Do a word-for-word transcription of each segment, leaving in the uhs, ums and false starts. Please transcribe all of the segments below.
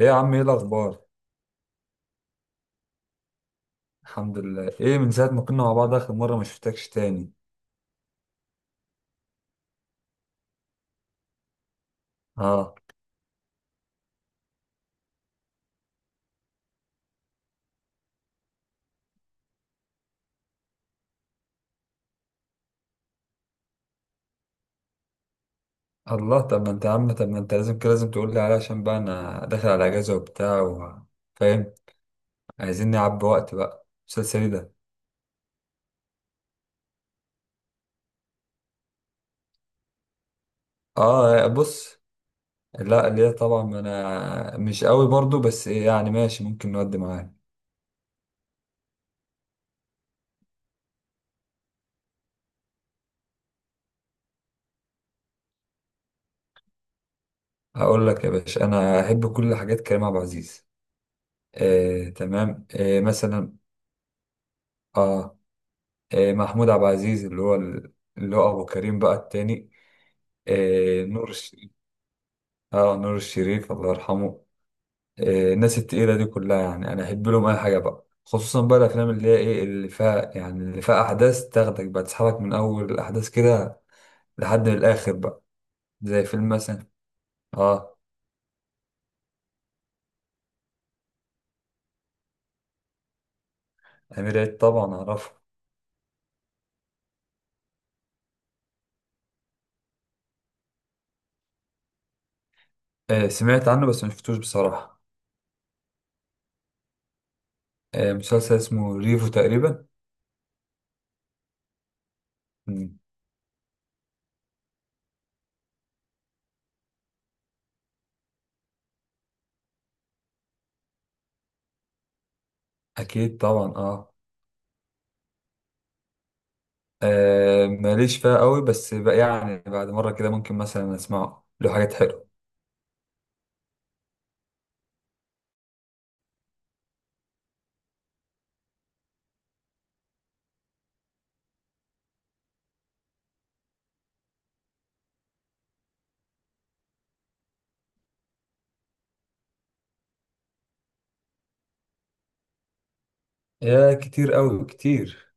ايه يا عم، ايه الاخبار؟ الحمد لله. ايه، من ساعه ما كنا مع بعض اخر مره، ما شفتكش تاني. اه. الله. طب ما انت يا عم طب ما انت لازم كده لازم تقول لي عليه عشان بقى انا داخل على اجازه وبتاع و... فاهم. عايزين نعبي وقت بقى مسلسلي ده. اه، بص. لا ليه طبعا، ما انا مش قوي برضو، بس ايه يعني، ماشي ممكن نودي معاه. هقول لك يا باشا، انا احب كل حاجات كريم عبد العزيز. آه، تمام. آه مثلا. اه. آه محمود عبد العزيز، اللي هو ال- اللي هو ابو كريم بقى التاني. آه نور الشريف. اه، نور الشريف الله يرحمه. آه الناس التقيلة دي كلها يعني، انا احب لهم اي حاجة بقى، خصوصا بقى الافلام اللي هي ايه، اللي فيها يعني، اللي فيها احداث تاخدك بقى، تسحبك من اول الاحداث كده لحد الاخر بقى. زي فيلم مثلا. اه. امير عيد طبعا اعرفه. آه سمعت عنه بس ما شفتوش بصراحة. آه مسلسل اسمه ريفو تقريبا. مم. اكيد طبعا اه. آه، ماليش فيها قوي، بس بقى يعني بعد مرة كده ممكن مثلا اسمعه له حاجات حلوة. يا كتير قوي كتير.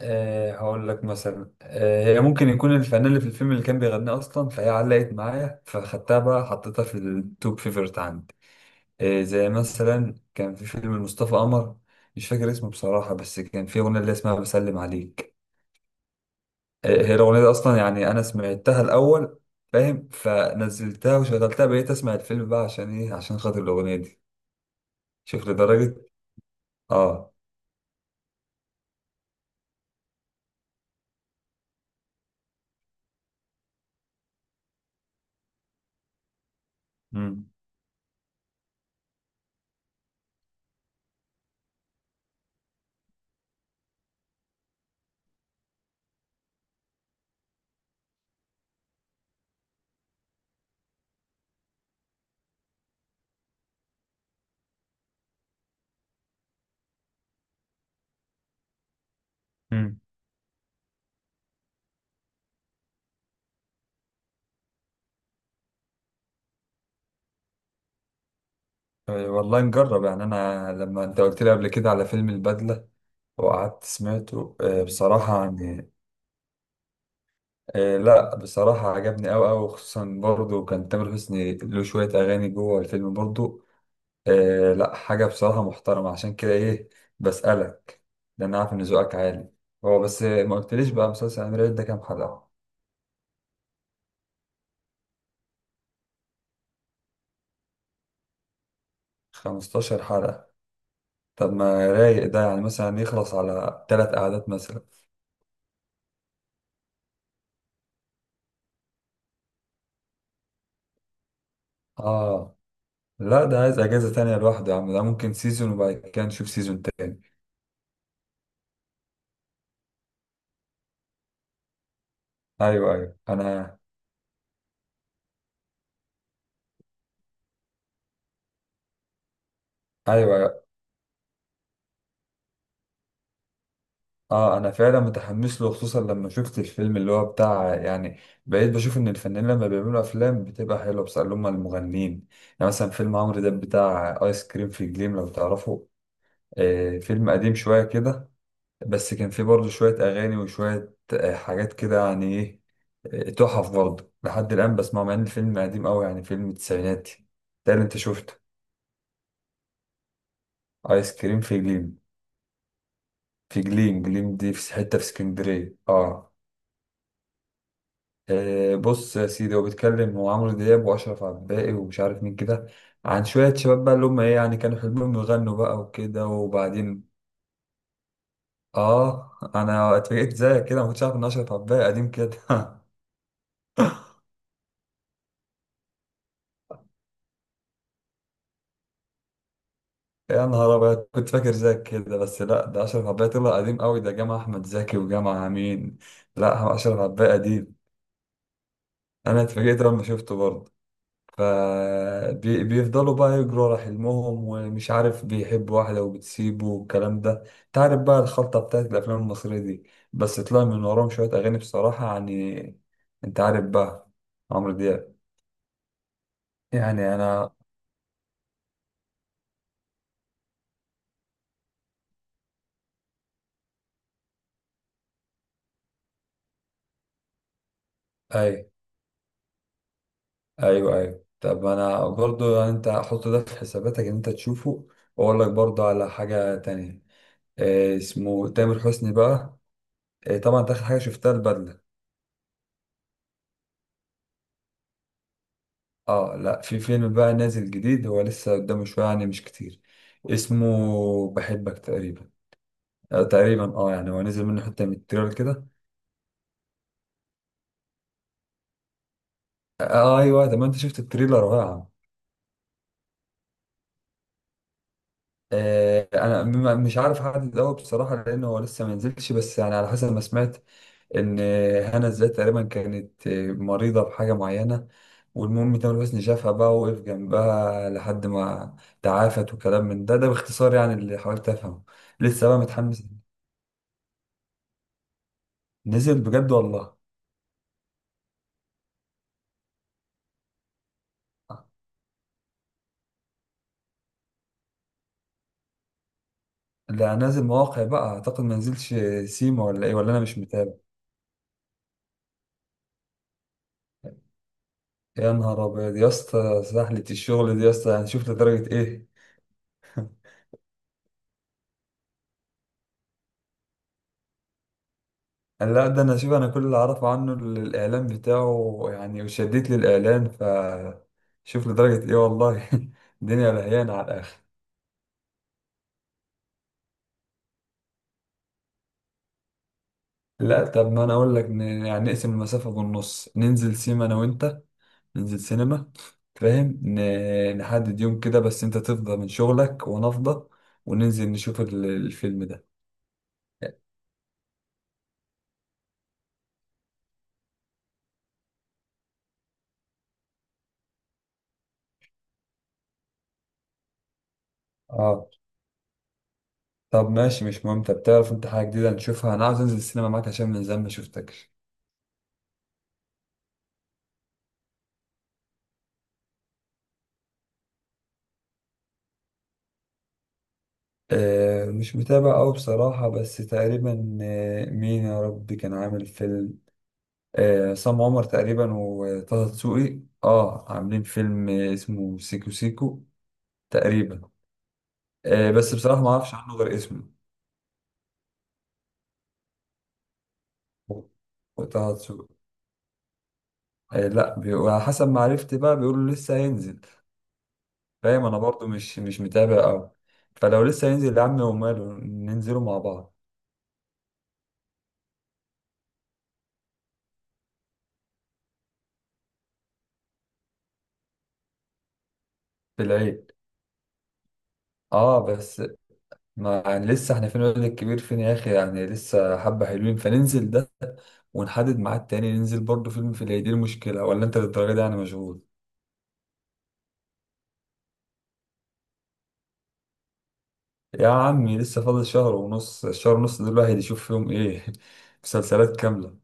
أه هقول لك مثلا. أه هي ممكن يكون الفنان اللي في الفيلم اللي كان بيغنيه اصلا، فهي علقت معايا فخدتها بقى حطيتها في التوب، فيفرت عندي. أه زي مثلا كان في فيلم مصطفى قمر، مش فاكر اسمه بصراحة، بس كان في أغنية اللي اسمها بسلم عليك. أه هي الأغنية دي أصلا يعني أنا سمعتها الأول، فاهم، فنزلتها وشغلتها بقيت أسمع الفيلم بقى عشان إيه؟ عشان خاطر الأغنية دي، شوف لدرجة. آه. مم. مم. أه، والله نجرب يعني، انا لما انت قلت لي قبل كده على فيلم البدلة وقعدت سمعته، أه، بصراحة يعني. أه، لا بصراحة عجبني أوي أوي، خصوصا برضه كان تامر حسني له شوية أغاني جوه الفيلم برضه. أه، لا حاجة بصراحة محترمة، عشان كده إيه، بسألك، لأن أنا عارف إن ذوقك عالي. هو بس ما قلتليش بقى، مسلسل أمير عيد ده كام حلقة؟ خمستاشر حلقة. طب ما رايق ده، يعني مثلا يخلص على تلات قعدات مثلا. آه لا، ده عايز اجازه تانية لوحده يا عم، ده ممكن سيزون وبعد كده نشوف سيزون تاني. ايوه ايوه انا. ايوه أيوة. اه، انا فعلا متحمس له خصوصا لما شفت الفيلم اللي هو بتاع يعني، بقيت بشوف ان الفنانين لما بيعملوا افلام بتبقى حلوه، بس اللي هم المغنيين. يعني مثلا فيلم عمرو دياب بتاع ايس كريم في جليم، لو تعرفه. آه فيلم قديم شويه كده، بس كان فيه برضه شويه اغاني وشويه آه حاجات كده، يعني ايه. آه، تحف برضه لحد الان بسمعه، مع ان الفيلم قديم قوي، يعني فيلم التسعينات. ده اللي انت شفته. ايس كريم في جليم. في جليم، جليم دي في حته في اسكندريه، اه. آه، بص يا سيدي، هو بيتكلم، هو عمرو دياب واشرف عباقي ومش عارف مين كده، عن شويه شباب بقى اللي هم ايه يعني، كانوا حلمهم يغنوا بقى وكده وبعدين. اه، انا اتفاجئت زيك كده، ما كنتش عارف ان اشرف عباقي قديم كده. يا نهار ابيض، كنت فاكر زيك كده، بس لا، ده اشرف عباقي طلع قديم قوي، ده جمع احمد زكي وجمع مين؟ لا، اشرف عباقي قديم. انا اتفاجئت لما شفته برضه. فبيفضلوا بقى يجروا على حلمهم، ومش عارف بيحب واحدة وبتسيبه والكلام ده، تعرف بقى الخلطة بتاعت الأفلام المصرية دي. بس طلع من وراهم شوية أغاني بصراحة يعني، أنت عارف بقى عمرو دياب. يعني أنا. أي أيوه أيوه. طب أنا برضو يعني، أنت حط ده في حساباتك إن أنت تشوفه، وأقول لك برضو على حاجة تانية. إيه اسمه؟ تامر حسني بقى. إيه طبعا، أنت آخر حاجة شفتها البدلة. اه لا، في فيلم بقى نازل جديد، هو لسه قدامه شوية يعني، مش كتير. اسمه بحبك تقريبا. آه تقريبا اه يعني هو نزل منه حتة من التريلر كده. آه. آه، ايوه، طب ما انت شفت التريلر؟ رائع. آه انا م- مش عارف احدد قوي بصراحة، لان هو لسه ما نزلش، بس يعني على حسب ما سمعت، ان هنا الزاهد تقريبا كانت آه، مريضة بحاجة معينة. والمهم تامر حسني شافها بقى، ووقف جنبها لحد ما تعافت، وكلام من ده ده باختصار يعني اللي حاولت افهمه. لسه بقى متحمس. نزل بجد والله. لا، نازل مواقع بقى اعتقد، ما نزلش سيما ولا ايه؟ ولا انا مش متابع. يا نهار ابيض يا اسطى، سهلة الشغل دي يا اسطى؟ هنشوف لدرجة ايه. قال لا، ده انا شوف، انا كل اللي اعرفه عنه ال- الاعلان بتاعه يعني، وشديت للاعلان ف شوف لدرجة ايه والله. الدنيا لهيانة على الاخر. لا طب، ما انا اقول لك، ن... يعني نقسم المسافة بالنص، ننزل سيما انا وانت. ننزل سينما، فاهم، ن... نحدد يوم كده، بس انت تفضى من شغلك وانا افضى، وننزل نشوف ال- الفيلم ده. اه طب ماشي، مش مهم. طب تعرف انت حاجة جديدة نشوفها؟ انا عاوز انزل السينما معاك عشان من زمان ما شفتكش. آه مش متابع أوي بصراحة، بس تقريبا آه مين يا ربي كان عامل فيلم؟ آه عصام عمر تقريبا وطه دسوقي، اه عاملين فيلم، آه، اسمه سيكو سيكو تقريبا. آه، بس بصراحة ما اعرفش عنه غير اسمه. وطه دسوقي. آه، لا بي- وعلى حسب ما عرفت بقى بيقولوا لسه هينزل. فاهم، انا برضو مش مش متابع قوي. فلو لسه هينزل يا عم، وماله ننزلوا مع بعض في العيد. اه بس، ما يعني لسه احنا، فين الولد الكبير فين يا اخي يعني، لسه حبة حلوين، فننزل ده، ونحدد ميعاد تاني ننزل برضو فيلم في العيد، إيه المشكلة؟ ولا انت للدرجة دي يعني مشغول؟ يا عمي، لسه فاضل شهر ونص، الشهر ونص دول الواحد يشوف فيهم ايه؟ مسلسلات كاملة.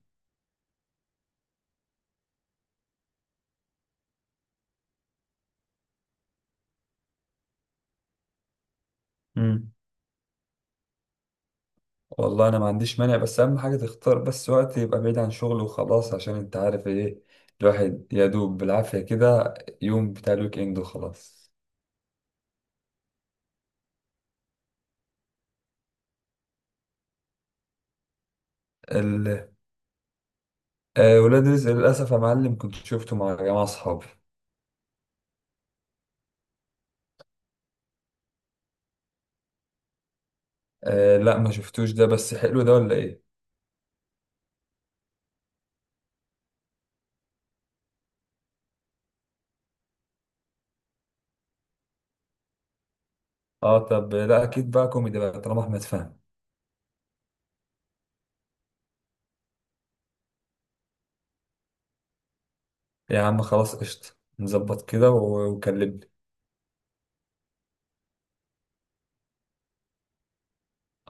مم. والله انا ما عنديش مانع، بس اهم حاجه تختار بس وقت يبقى بعيد عن شغل وخلاص، عشان انت عارف ايه، الواحد يا دوب بالعافيه كده يوم بتاع الويك اند وخلاص. ال... آه ولاد رزق للاسف يا معلم، كنت شفته مع جماعه اصحابي. آه لا ما شفتوش ده، بس حلو ده ولا ايه؟ اه طب لا، اكيد بقى كوميدي بقى طالما احمد فهمي. يا عم خلاص قشطه، نظبط كده و- وكلمني.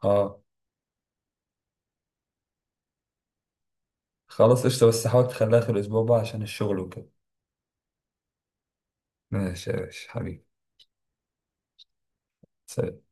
اه خلاص قشطه، بس حاول تخليها اخر الاسبوع بقى عشان الشغل وكده. ماشي يا باشا حبيبي. سلام.